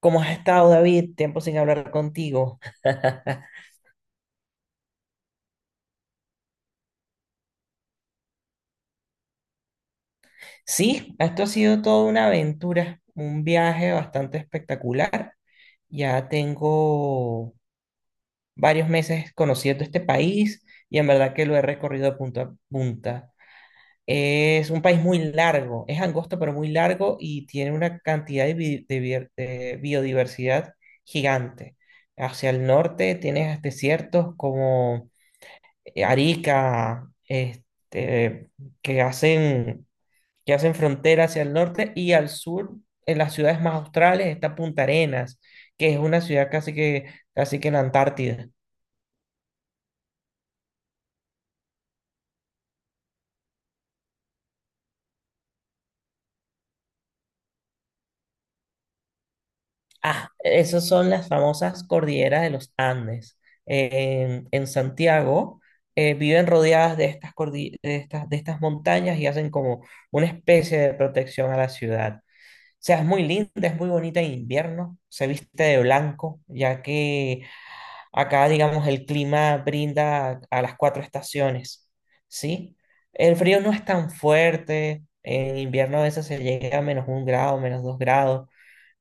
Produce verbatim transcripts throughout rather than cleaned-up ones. ¿Cómo has estado, David? Tiempo sin hablar contigo. Sí, esto ha sido toda una aventura, un viaje bastante espectacular. Ya tengo varios meses conociendo este país y en verdad que lo he recorrido de punta a punta. Es un país muy largo, es angosto pero muy largo y tiene una cantidad de, bi- de bier- de biodiversidad gigante. Hacia el norte tienes desiertos como Arica, este, que hacen, que hacen frontera hacia el norte y al sur, en las ciudades más australes, está Punta Arenas, que es una ciudad casi que, casi que en la Antártida. Ah, esas son las famosas cordilleras de los Andes. En, en Santiago eh, viven rodeadas de estas, cordi- de estas, de estas montañas y hacen como una especie de protección a la ciudad. O sea, es muy linda, es muy bonita en invierno, se viste de blanco, ya que acá, digamos, el clima brinda a las cuatro estaciones, ¿sí? El frío no es tan fuerte, en invierno a veces se llega a menos un grado, menos dos grados,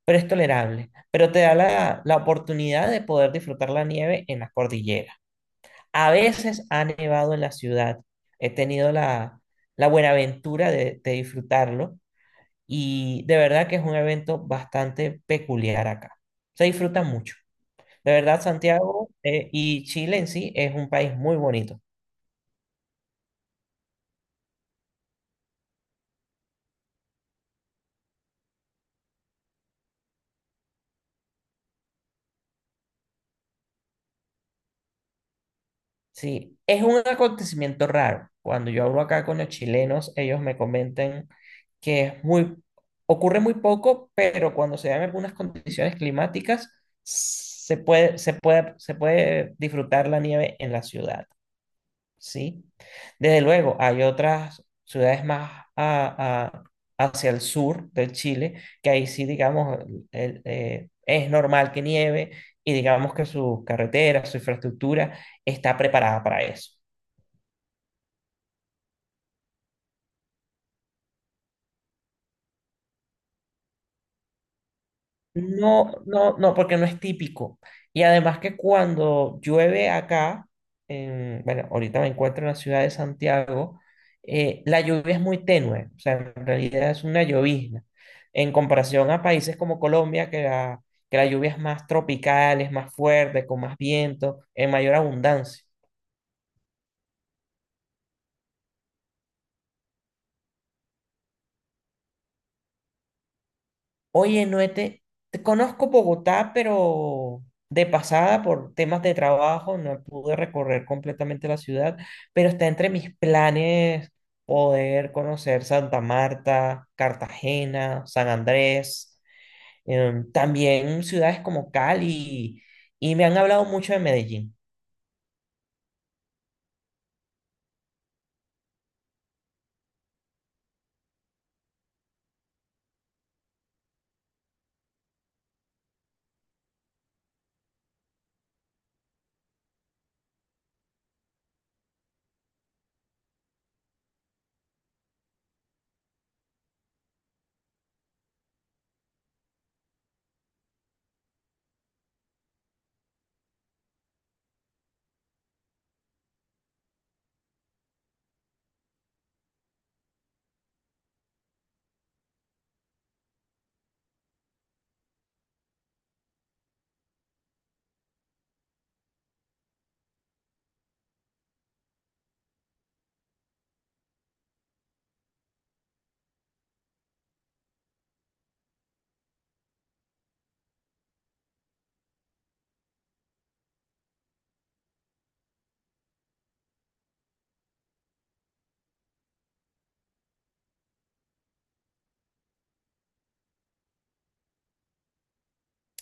pero es tolerable. Pero te da la, la oportunidad de poder disfrutar la nieve en las cordilleras. A veces ha nevado en la ciudad, he tenido la, la buena aventura de, de disfrutarlo y de verdad que es un evento bastante peculiar acá. Se disfruta mucho. De verdad, Santiago eh, y Chile en sí es un país muy bonito. Sí, es un acontecimiento raro. Cuando yo hablo acá con los chilenos, ellos me comentan que es muy, ocurre muy poco, pero cuando se dan algunas condiciones climáticas, se puede, se puede, se puede disfrutar la nieve en la ciudad. Sí, desde luego, hay otras ciudades más a- a- hacia el sur del Chile que ahí sí, digamos, el- eh, es normal que nieve y digamos que sus carreteras, su infraestructura está preparada para eso. No, no, no, porque no es típico. Y además que cuando llueve acá, en- bueno, ahorita me encuentro en la ciudad de Santiago, eh, la lluvia es muy tenue, o sea, en realidad es una llovizna. En comparación a países como Colombia, que la, que la lluvia es más tropical, es más fuerte, con más viento, en mayor abundancia. Oye, Noete, te conozco Bogotá, pero de pasada por temas de trabajo no pude recorrer completamente la ciudad, pero está entre mis planes poder conocer Santa Marta, Cartagena, San Andrés, em, también ciudades como Cali, y me han hablado mucho de Medellín.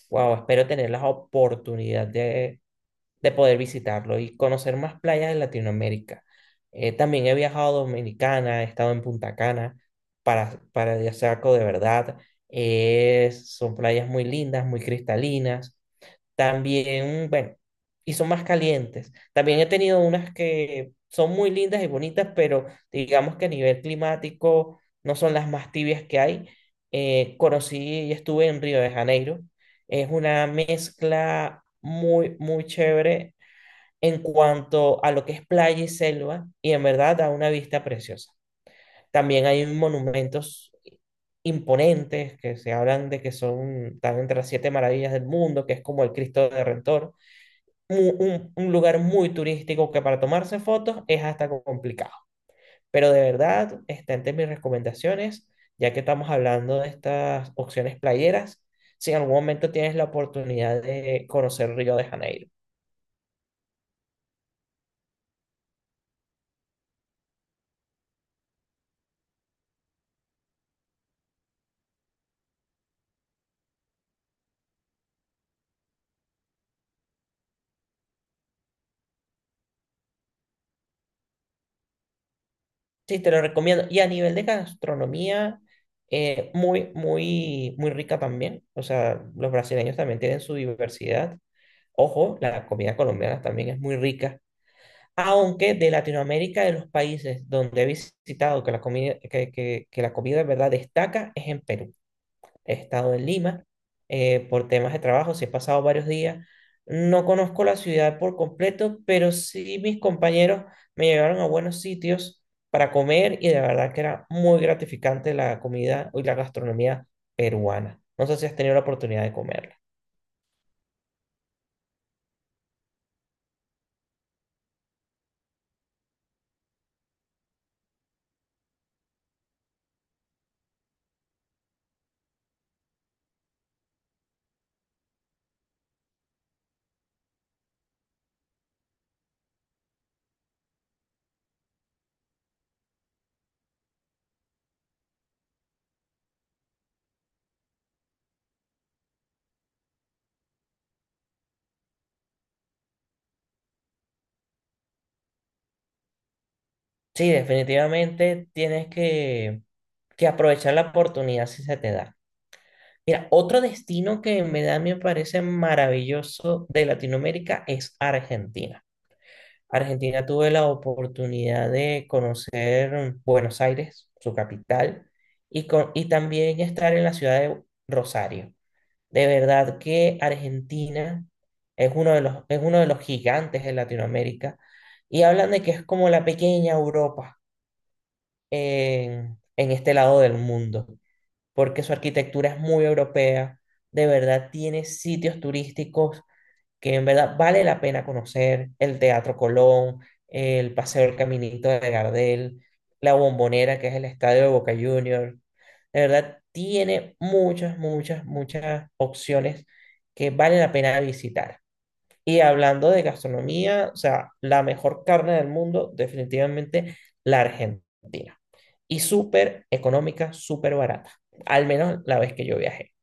Wow, espero tener la oportunidad de de poder visitarlo y conocer más playas de Latinoamérica. Eh, también he viajado a Dominicana, he estado en Punta Cana, para, paradisíaco de verdad. Eh, son playas muy lindas, muy cristalinas. También, bueno, y son más calientes. También he tenido unas que son muy lindas y bonitas, pero digamos que a nivel climático no son las más tibias que hay. Eh, conocí y estuve en Río de Janeiro. Es una mezcla muy, muy chévere en cuanto a lo que es playa y selva, y en verdad da una vista preciosa. También hay monumentos imponentes que se hablan de que son, están entre las siete maravillas del mundo, que es como el Cristo Redentor. Un, un, un lugar muy turístico que para tomarse fotos es hasta complicado. Pero de verdad, está entre mis recomendaciones, ya que estamos hablando de estas opciones playeras, si en algún momento tienes la oportunidad de conocer Río de Janeiro. Sí, te lo recomiendo. Y a nivel de gastronomía, eh, muy, muy, muy rica también. O sea, los brasileños también tienen su diversidad. Ojo, la comida colombiana también es muy rica. Aunque de Latinoamérica, de los países donde he visitado que la comida, que, que, que la comida de verdad destaca, es en Perú. He estado en Lima eh, por temas de trabajo, sí he pasado varios días. No conozco la ciudad por completo, pero sí mis compañeros me llevaron a buenos sitios para comer y de verdad que era muy gratificante la comida y la gastronomía peruana. No sé si has tenido la oportunidad de comerla. Sí, definitivamente tienes que, que aprovechar la oportunidad si se te da. Mira, otro destino que en verdad me parece maravilloso de Latinoamérica es Argentina. Argentina tuve la oportunidad de conocer Buenos Aires, su capital, y, con- y también estar en la ciudad de Rosario. De verdad que Argentina es uno de los, es uno de los gigantes de Latinoamérica y hablan de que es como la pequeña Europa en, en este lado del mundo, porque su arquitectura es muy europea, de verdad tiene sitios turísticos que en verdad vale la pena conocer, el Teatro Colón, el Paseo del Caminito de Gardel, la Bombonera, que es el estadio de Boca Juniors. De verdad, tiene muchas, muchas, muchas opciones que vale la pena visitar. Y hablando de gastronomía, o sea, la mejor carne del mundo, definitivamente la Argentina. Y súper económica, súper barata, al menos la vez que yo viajé.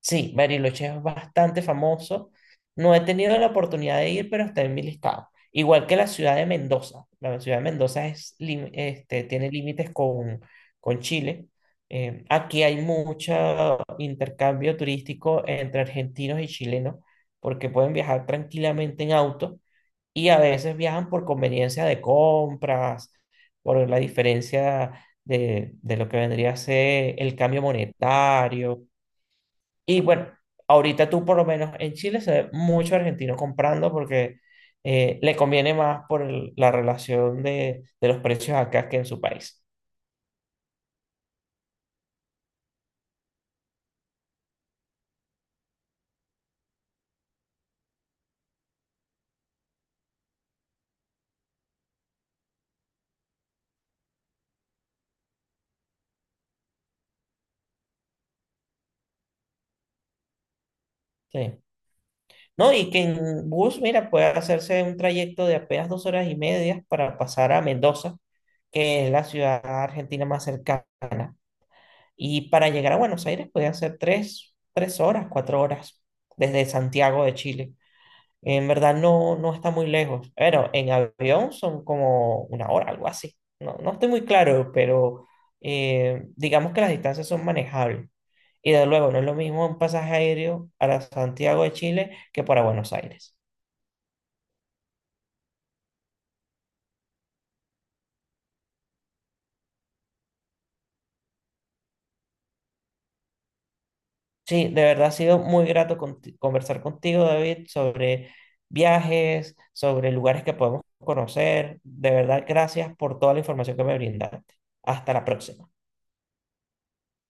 Sí, Bariloche es bastante famoso. No he tenido la oportunidad de ir, pero está en mi listado. Igual que la ciudad de Mendoza. La ciudad de Mendoza es, lim- este, tiene límites con, con Chile. Eh, aquí hay mucho intercambio turístico entre argentinos y chilenos, porque pueden viajar tranquilamente en auto y a veces viajan por conveniencia de compras, por la diferencia de, de lo que vendría a ser el cambio monetario y bueno, ahorita tú por lo menos en Chile se ve mucho argentino comprando porque eh, le conviene más por el- la relación de, de los precios acá que en su país. Sí. No, y que en bus, mira, puede hacerse un trayecto de apenas dos horas y media para pasar a Mendoza, que es la ciudad argentina más cercana. Y para llegar a Buenos Aires puede hacer tres, tres horas, cuatro horas desde Santiago de Chile. En verdad no, no está muy lejos. Bueno, en avión son como una hora, algo así. No, no estoy muy claro, pero eh, digamos que las distancias son manejables. Y de luego, no es lo mismo un pasaje aéreo para Santiago de Chile que para Buenos Aires. Sí, de verdad ha sido muy grato conti- conversar contigo, David, sobre viajes, sobre lugares que podemos conocer. De verdad, gracias por toda la información que me brindaste. Hasta la próxima.